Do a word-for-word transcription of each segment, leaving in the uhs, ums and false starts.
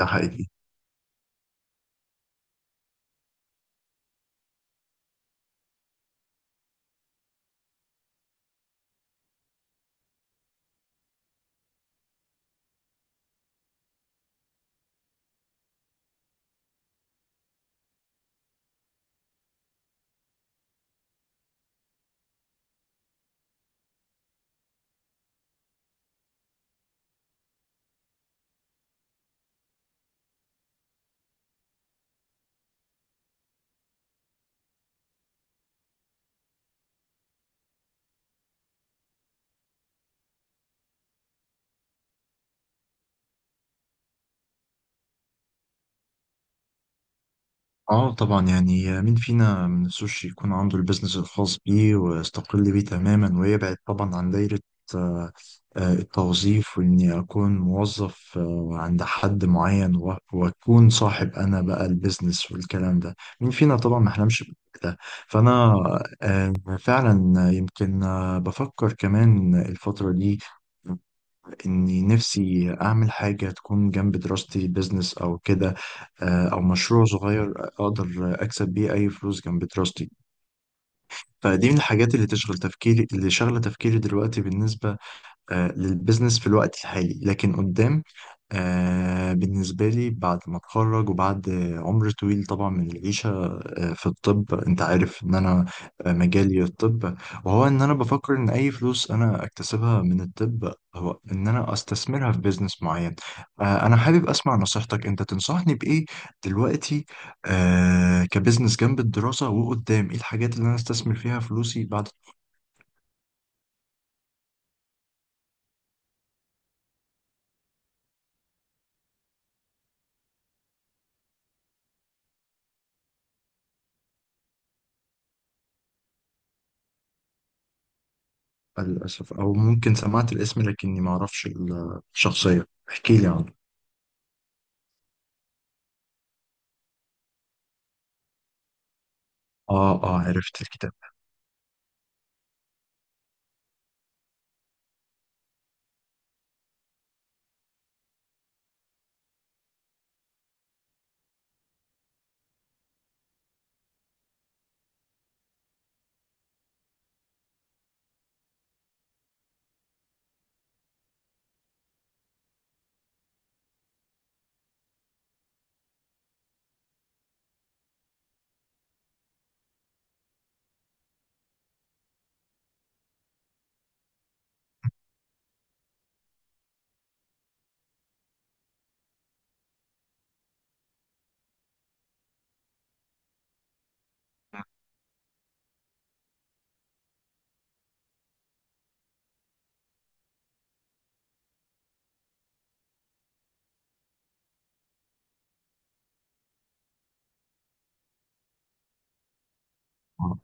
ده حقيقي. اه، طبعا يعني مين فينا ما نفسوش يكون عنده البيزنس الخاص بيه ويستقل بيه تماما ويبعد طبعا عن دايرة آه، آه، التوظيف، واني اكون موظف آه، عند حد معين و- واكون صاحب انا بقى البيزنس والكلام ده. مين فينا طبعا ما حلمش بده. فانا آه، فعلا يمكن آه، بفكر كمان الفترة دي إني نفسي أعمل حاجة تكون جنب دراستي، بيزنس أو كده، آه، أو مشروع صغير أقدر أكسب بيه أي فلوس جنب دراستي. فدي من الحاجات اللي تشغل تفكيري، اللي شغلة تفكيري دلوقتي بالنسبة آه، للبزنس في الوقت الحالي. لكن قدام، آه، بالنسبة لي بعد ما اتخرج وبعد عمر طويل طبعا من العيشة آه، في الطب، انت عارف ان انا آه، مجالي الطب، وهو ان انا بفكر ان اي فلوس انا اكتسبها من الطب هو ان انا استثمرها في بيزنس معين. آه، انا حابب اسمع نصيحتك. انت تنصحني بايه دلوقتي آه، كبزنس جنب الدراسة؟ وقدام ايه الحاجات اللي انا استثمر فيها فلوسي بعد؟ للأسف، أو ممكن سمعت الاسم لكني ما أعرفش ال- الشخصية، احكي لي عنه. آه آه عرفت الكتاب. آه.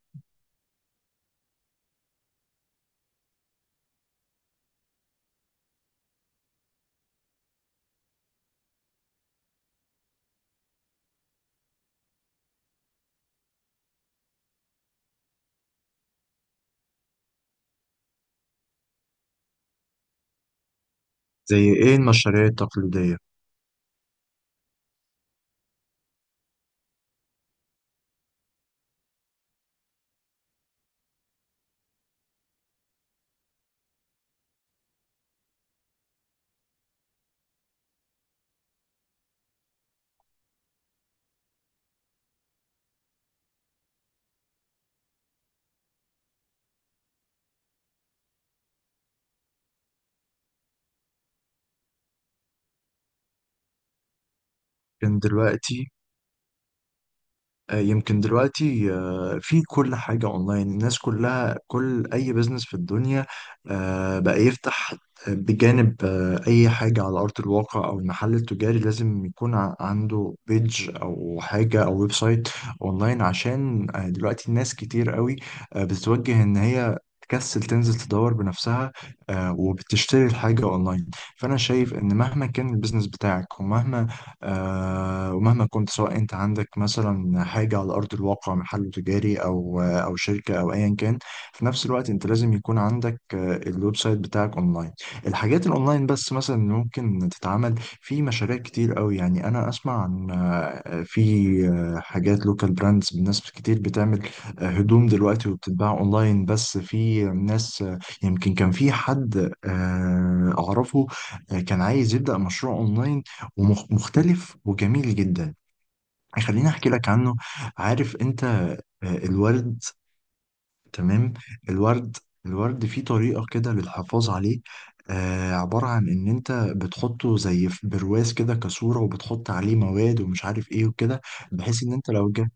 زي إيه المشاريع التقليدية؟ كان دلوقتي آه، يمكن دلوقتي آه، في كل حاجة أونلاين، الناس كلها كل أي بزنس في الدنيا آه، بقى يفتح بجانب آه، أي حاجة على أرض الواقع أو المحل التجاري، لازم يكون ع- عنده بيج أو حاجة أو ويب سايت أونلاين، عشان آه، دلوقتي الناس كتير قوي آه، بتتوجه إن هي تكسل تنزل تدور بنفسها، آه، وبتشتري الحاجة أونلاين. فأنا شايف إن مهما كان البيزنس بتاعك ومهما آه، ومهما كنت، سواء انت عندك مثلا حاجة على أرض الواقع، محل تجاري أو أو شركة أو أيا كان، في نفس الوقت انت لازم يكون عندك آه، الويب سايت بتاعك أونلاين. الحاجات الأونلاين بس مثلا اللي ممكن تتعمل، في مشاريع كتير قوي يعني. أنا أسمع عن آه، في آه، حاجات لوكال براندز، ناس كتير بتعمل آه، هدوم دلوقتي وبتتباع أونلاين. بس في ناس آه، يمكن كان في حد آه، أعرفه آه، كان عايز يبدأ مشروع أونلاين ومختلف وجميل جدا. خليني احكي لك عنه. عارف انت آه، الورد؟ تمام. الورد. الورد فيه طريقة كده للحفاظ عليه. آه، عبارة عن ان انت بتحطه زي في برواز كده كصورة، وبتحط عليه مواد ومش عارف ايه وكده، بحيث ان انت لو جه،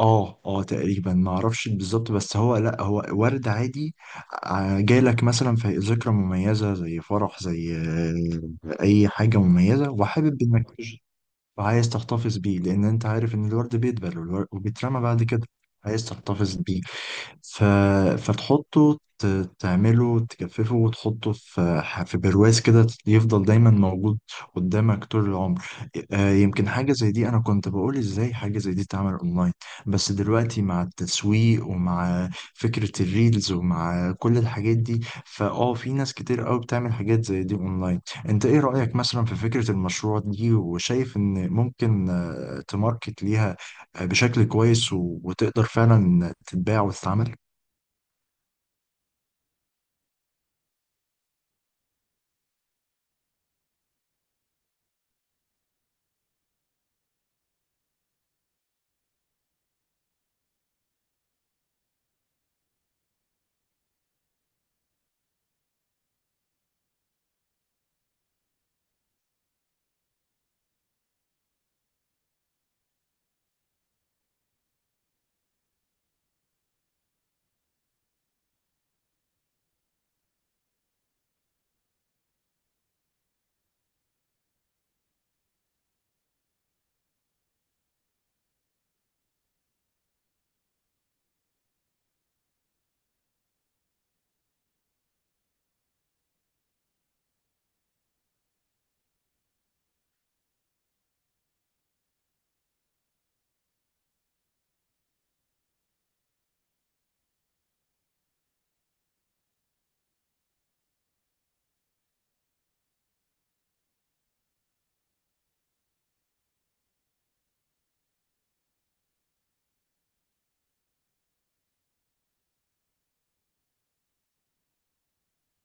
اه اه تقريبا ما اعرفش بالظبط، بس هو لا، هو ورد عادي. آه، جالك مثلا في ذكرى مميزة زي فرح، زي آه، اي حاجة مميزة، وحابب انك وعايز تحتفظ بيه. لأن أنت عارف إن الورد بيدبل والور- وبيترمى بعد كده، عايز تحتفظ بيه. ف... فتحطه، ت... تعمله تجففه وتحطه في ح- في برواز كده يفضل دايما موجود قدامك طول العمر. آه، يمكن حاجة زي دي، أنا كنت بقول إزاي حاجة زي دي تعمل أونلاين؟ بس دلوقتي مع التسويق ومع فكرة الريلز ومع كل الحاجات دي، فأه في ناس كتير قوي بتعمل حاجات زي دي أونلاين. أنت إيه رأيك مثلا في فكرة المشروع دي؟ وشايف إن ممكن آه، تماركت ليها آه، بشكل كويس و- وتقدر فعلا تتباع وتتعمل؟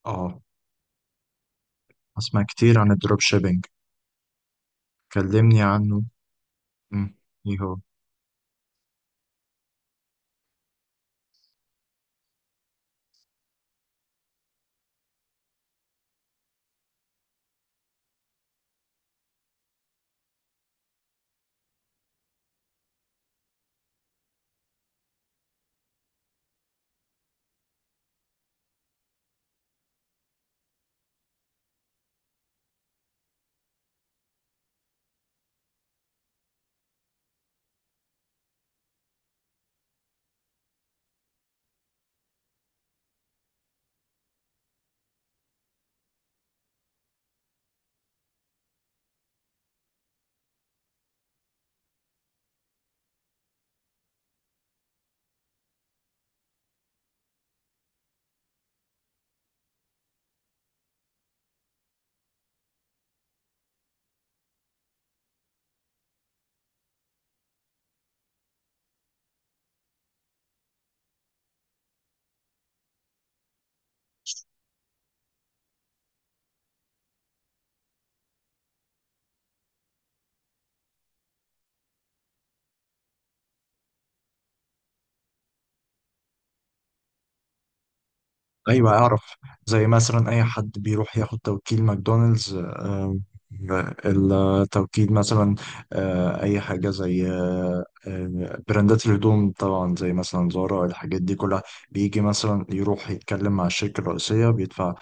اه. اسمع كتير عن الدروب شيبينج، كلمني عنه. مم. ايه هو؟ ايوه اعرف. زي مثلا اي حد بيروح ياخد توكيل ماكدونالدز، آه، آه، التوكيل مثلا، آه، اي حاجه زي آه، آه، براندات الهدوم طبعا، زي مثلا زارا، الحاجات دي كلها بيجي مثلا يروح يتكلم مع الشركه الرئيسيه، بيدفع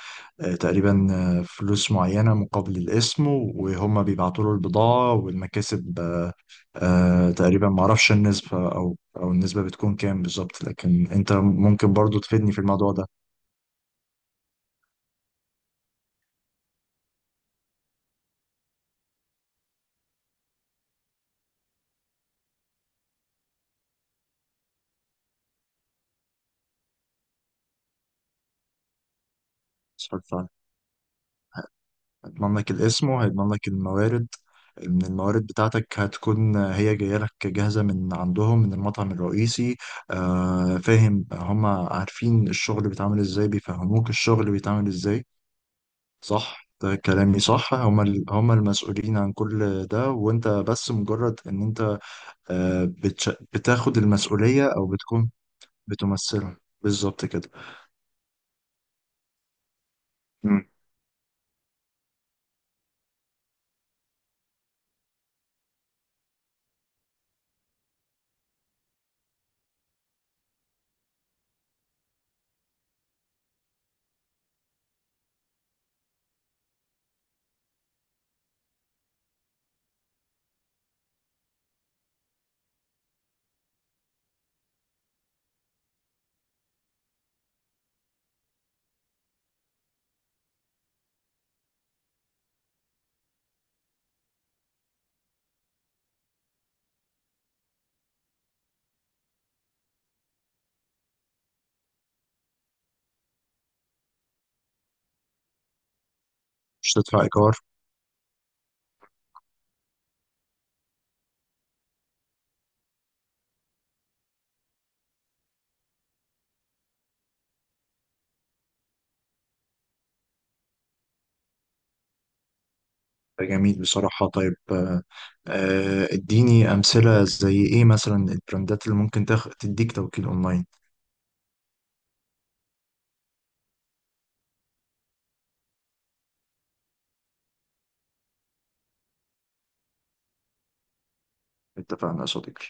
آه، تقريبا آه، فلوس معينه مقابل الاسم، وهم بيبعتوا له البضاعه والمكاسب. آه، آه، تقريبا معرفش النسبه او او النسبه بتكون كام بالظبط، لكن انت ممكن برضو تفيدني في الموضوع ده. اتفرجت عليه. هيضمن لك الاسم وهيضمن لك الموارد، ان الموارد بتاعتك هتكون هي جايه لك جاهزه من عندهم من المطعم الرئيسي. آه فاهم. هم عارفين الشغل بيتعمل ازاي، بيفهموك الشغل بيتعمل ازاي. صح. ده كلامي صح، هم ال- هم المسؤولين عن كل ده، وانت بس مجرد ان انت آه بتش... بتاخد المسؤوليه او بتكون، بتمثلهم. بالظبط كده. مم. مش تدفع ايجار. جميل بصراحة. طيب، آه، آه، اديني أمثلة زي إيه مثلا البراندات اللي ممكن تاخ... تديك توكيل أونلاين. اتفقنا يا صديقي.